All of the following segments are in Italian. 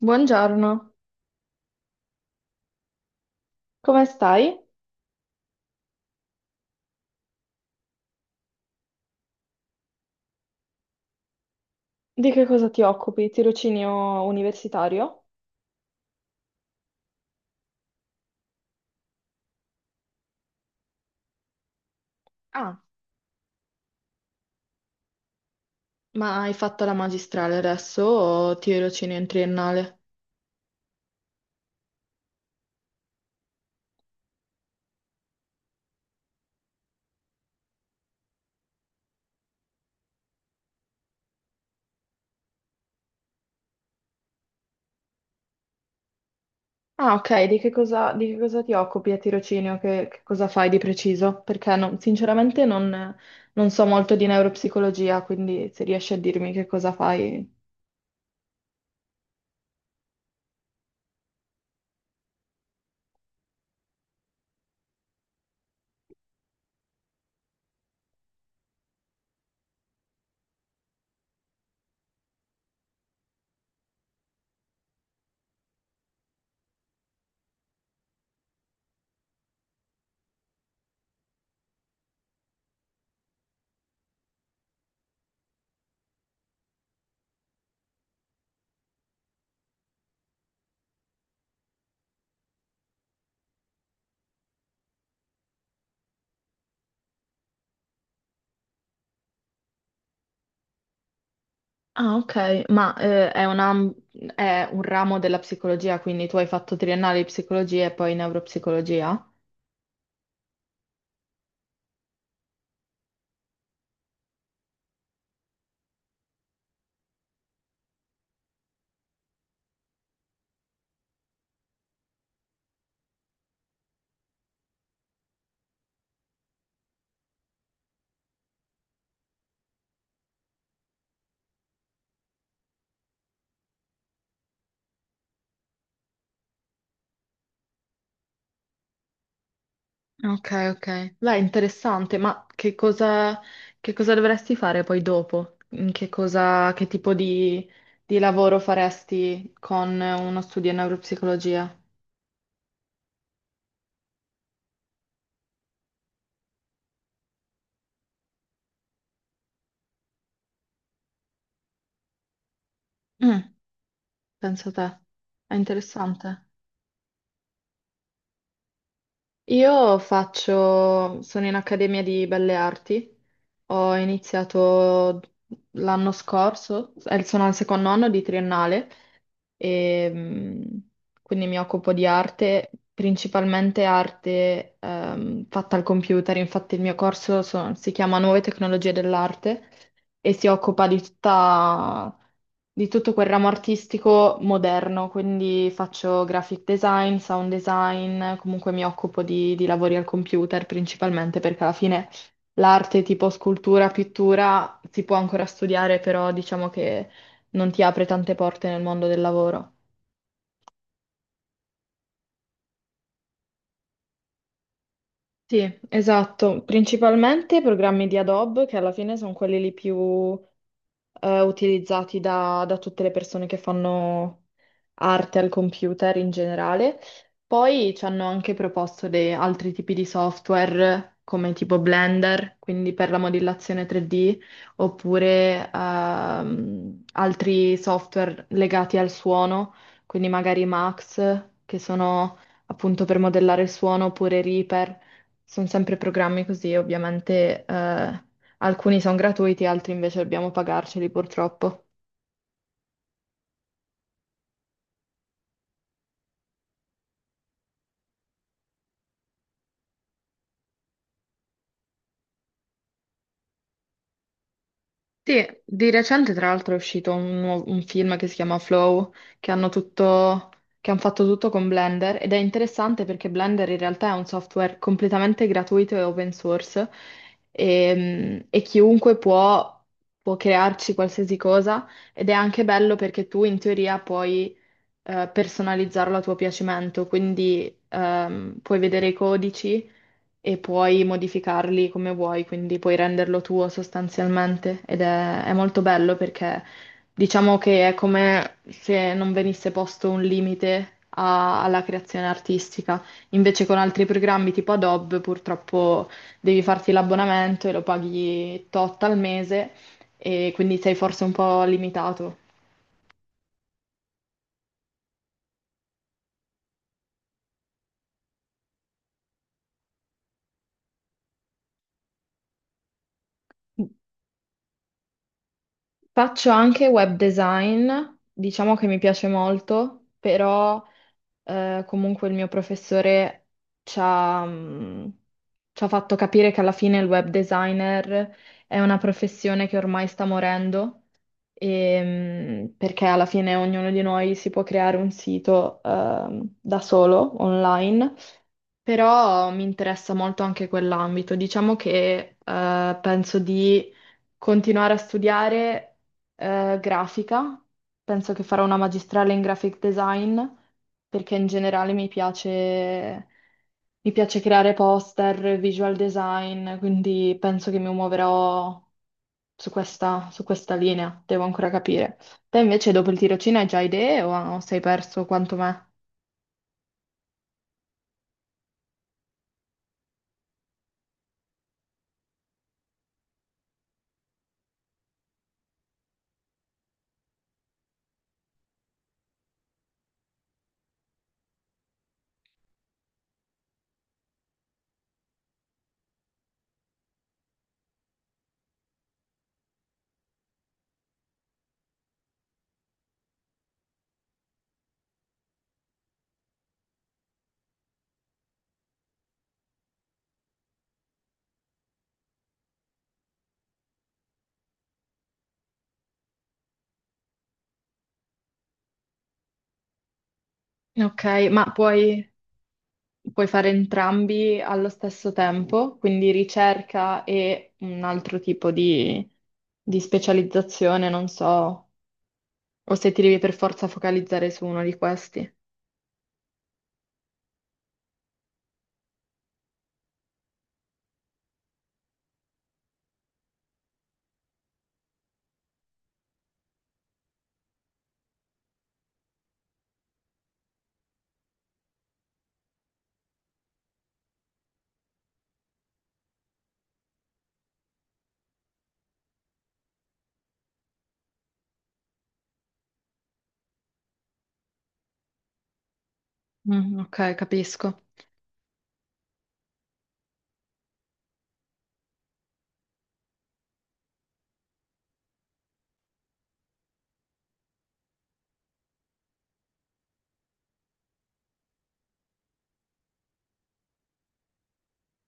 Buongiorno, come stai? Di che cosa ti occupi? Tirocinio universitario? Ah, ma hai fatto la magistrale adesso o tirocinio in triennale? Ah, ok, di che cosa ti occupi a tirocinio? Che cosa fai di preciso? Perché sinceramente non so molto di neuropsicologia, quindi se riesci a dirmi che cosa fai. Ah, ok, ma è è un ramo della psicologia, quindi tu hai fatto triennale di psicologia e poi neuropsicologia? Ok, ok. Beh, interessante, ma che cosa dovresti fare poi dopo? In che cosa, che tipo di lavoro faresti con uno studio in neuropsicologia? Mm, penso te. È interessante. Sono in Accademia di Belle Arti, ho iniziato l'anno scorso. Sono al secondo anno di triennale e quindi mi occupo di arte, principalmente arte fatta al computer. Infatti il mio corso si chiama Nuove tecnologie dell'arte e si occupa di di tutto quel ramo artistico moderno, quindi faccio graphic design, sound design, comunque mi occupo di lavori al computer, principalmente perché alla fine l'arte tipo scultura, pittura si può ancora studiare, però diciamo che non ti apre tante porte nel mondo del lavoro. Sì, esatto, principalmente programmi di Adobe, che alla fine sono quelli lì più utilizzati da tutte le persone che fanno arte al computer in generale. Poi ci hanno anche proposto dei altri tipi di software come tipo Blender, quindi per la modellazione 3D, oppure altri software legati al suono, quindi magari Max, che sono appunto per modellare il suono, oppure Reaper. Sono sempre programmi così, ovviamente. Alcuni sono gratuiti, altri invece dobbiamo pagarceli purtroppo. Sì, di recente tra l'altro è uscito un film che si chiama Flow, che hanno tutto, che hanno fatto tutto con Blender, ed è interessante perché Blender in realtà è un software completamente gratuito e open source, e può crearci qualsiasi cosa, ed è anche bello perché tu in teoria puoi personalizzarlo a tuo piacimento, quindi puoi vedere i codici e puoi modificarli come vuoi, quindi puoi renderlo tuo sostanzialmente, ed è molto bello perché diciamo che è come se non venisse posto un limite alla creazione artistica. Invece con altri programmi tipo Adobe purtroppo devi farti l'abbonamento e lo paghi tot al mese, e quindi sei forse un po' limitato. Faccio anche web design, diciamo che mi piace molto, però comunque il mio professore ci ha, mh, ci ha fatto capire che alla fine il web designer è una professione che ormai sta morendo, e, perché alla fine ognuno di noi si può creare un sito, da solo, online. Però mi interessa molto anche quell'ambito. Diciamo che penso di continuare a studiare grafica, penso che farò una magistrale in graphic design, perché in generale mi piace creare poster, visual design, quindi penso che mi muoverò su su questa linea, devo ancora capire. Te invece dopo il tirocinio hai già idee o sei perso quanto me? Ok, ma puoi... puoi fare entrambi allo stesso tempo, quindi ricerca e un altro tipo di specializzazione, non so, o se ti devi per forza focalizzare su uno di questi. Mm, ok, capisco.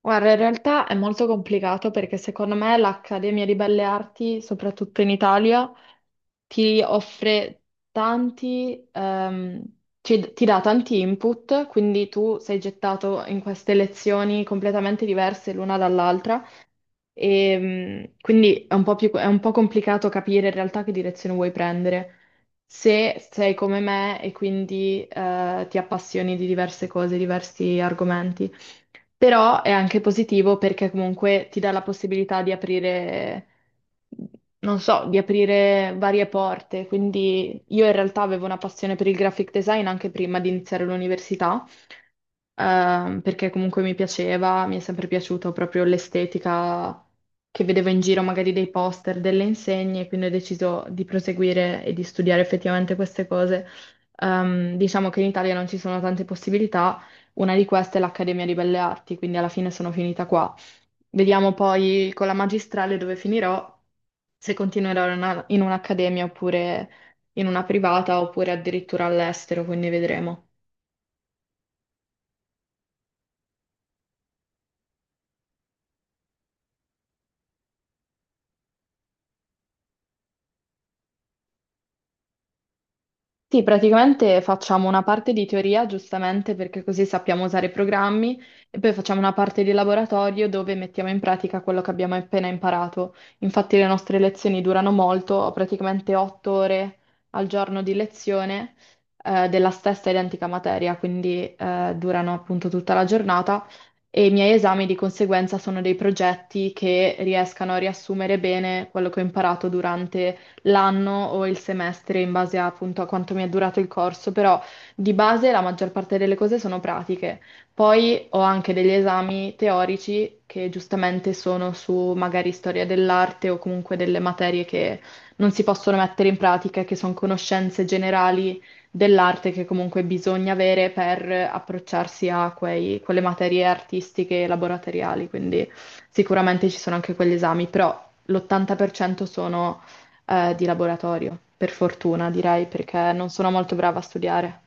Guarda, in realtà è molto complicato perché secondo me l'Accademia di Belle Arti, soprattutto in Italia, ti offre tanti, ehm, ti dà tanti input, quindi tu sei gettato in queste lezioni completamente diverse l'una dall'altra. E, quindi è un po' è un po' complicato capire in realtà che direzione vuoi prendere, se sei come me e quindi ti appassioni di diverse cose, diversi argomenti, però è anche positivo perché comunque ti dà la possibilità di aprire, non so, di aprire varie porte. Quindi io in realtà avevo una passione per il graphic design anche prima di iniziare l'università, perché comunque mi piaceva, mi è sempre piaciuto proprio l'estetica che vedevo in giro, magari dei poster, delle insegne, quindi ho deciso di proseguire e di studiare effettivamente queste cose. Diciamo che in Italia non ci sono tante possibilità, una di queste è l'Accademia di Belle Arti, quindi alla fine sono finita qua. Vediamo poi con la magistrale dove finirò, se continuerò in in un'accademia oppure in una privata oppure addirittura all'estero, quindi vedremo. Sì, praticamente facciamo una parte di teoria, giustamente perché così sappiamo usare i programmi, e poi facciamo una parte di laboratorio dove mettiamo in pratica quello che abbiamo appena imparato. Infatti le nostre lezioni durano molto, ho praticamente 8 ore al giorno di lezione della stessa identica materia, quindi durano appunto tutta la giornata, e i miei esami di conseguenza sono dei progetti che riescano a riassumere bene quello che ho imparato durante l'anno o il semestre in base appunto a quanto mi è durato il corso, però di base la maggior parte delle cose sono pratiche. Poi ho anche degli esami teorici che giustamente sono su magari storia dell'arte o comunque delle materie che non si possono mettere in pratica, e che sono conoscenze generali dell'arte che comunque bisogna avere per approcciarsi a quelle materie artistiche e laboratoriali, quindi sicuramente ci sono anche quegli esami, però l'80% sono di laboratorio, per fortuna direi, perché non sono molto brava a studiare.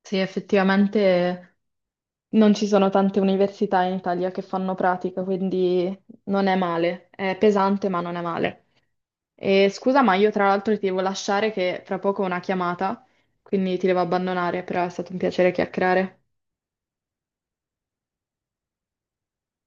Sì, effettivamente non ci sono tante università in Italia che fanno pratica, quindi non è male. È pesante, ma non è male. E scusa, ma io tra l'altro ti devo lasciare che fra poco ho una chiamata, quindi ti devo abbandonare, però è stato un piacere chiacchierare.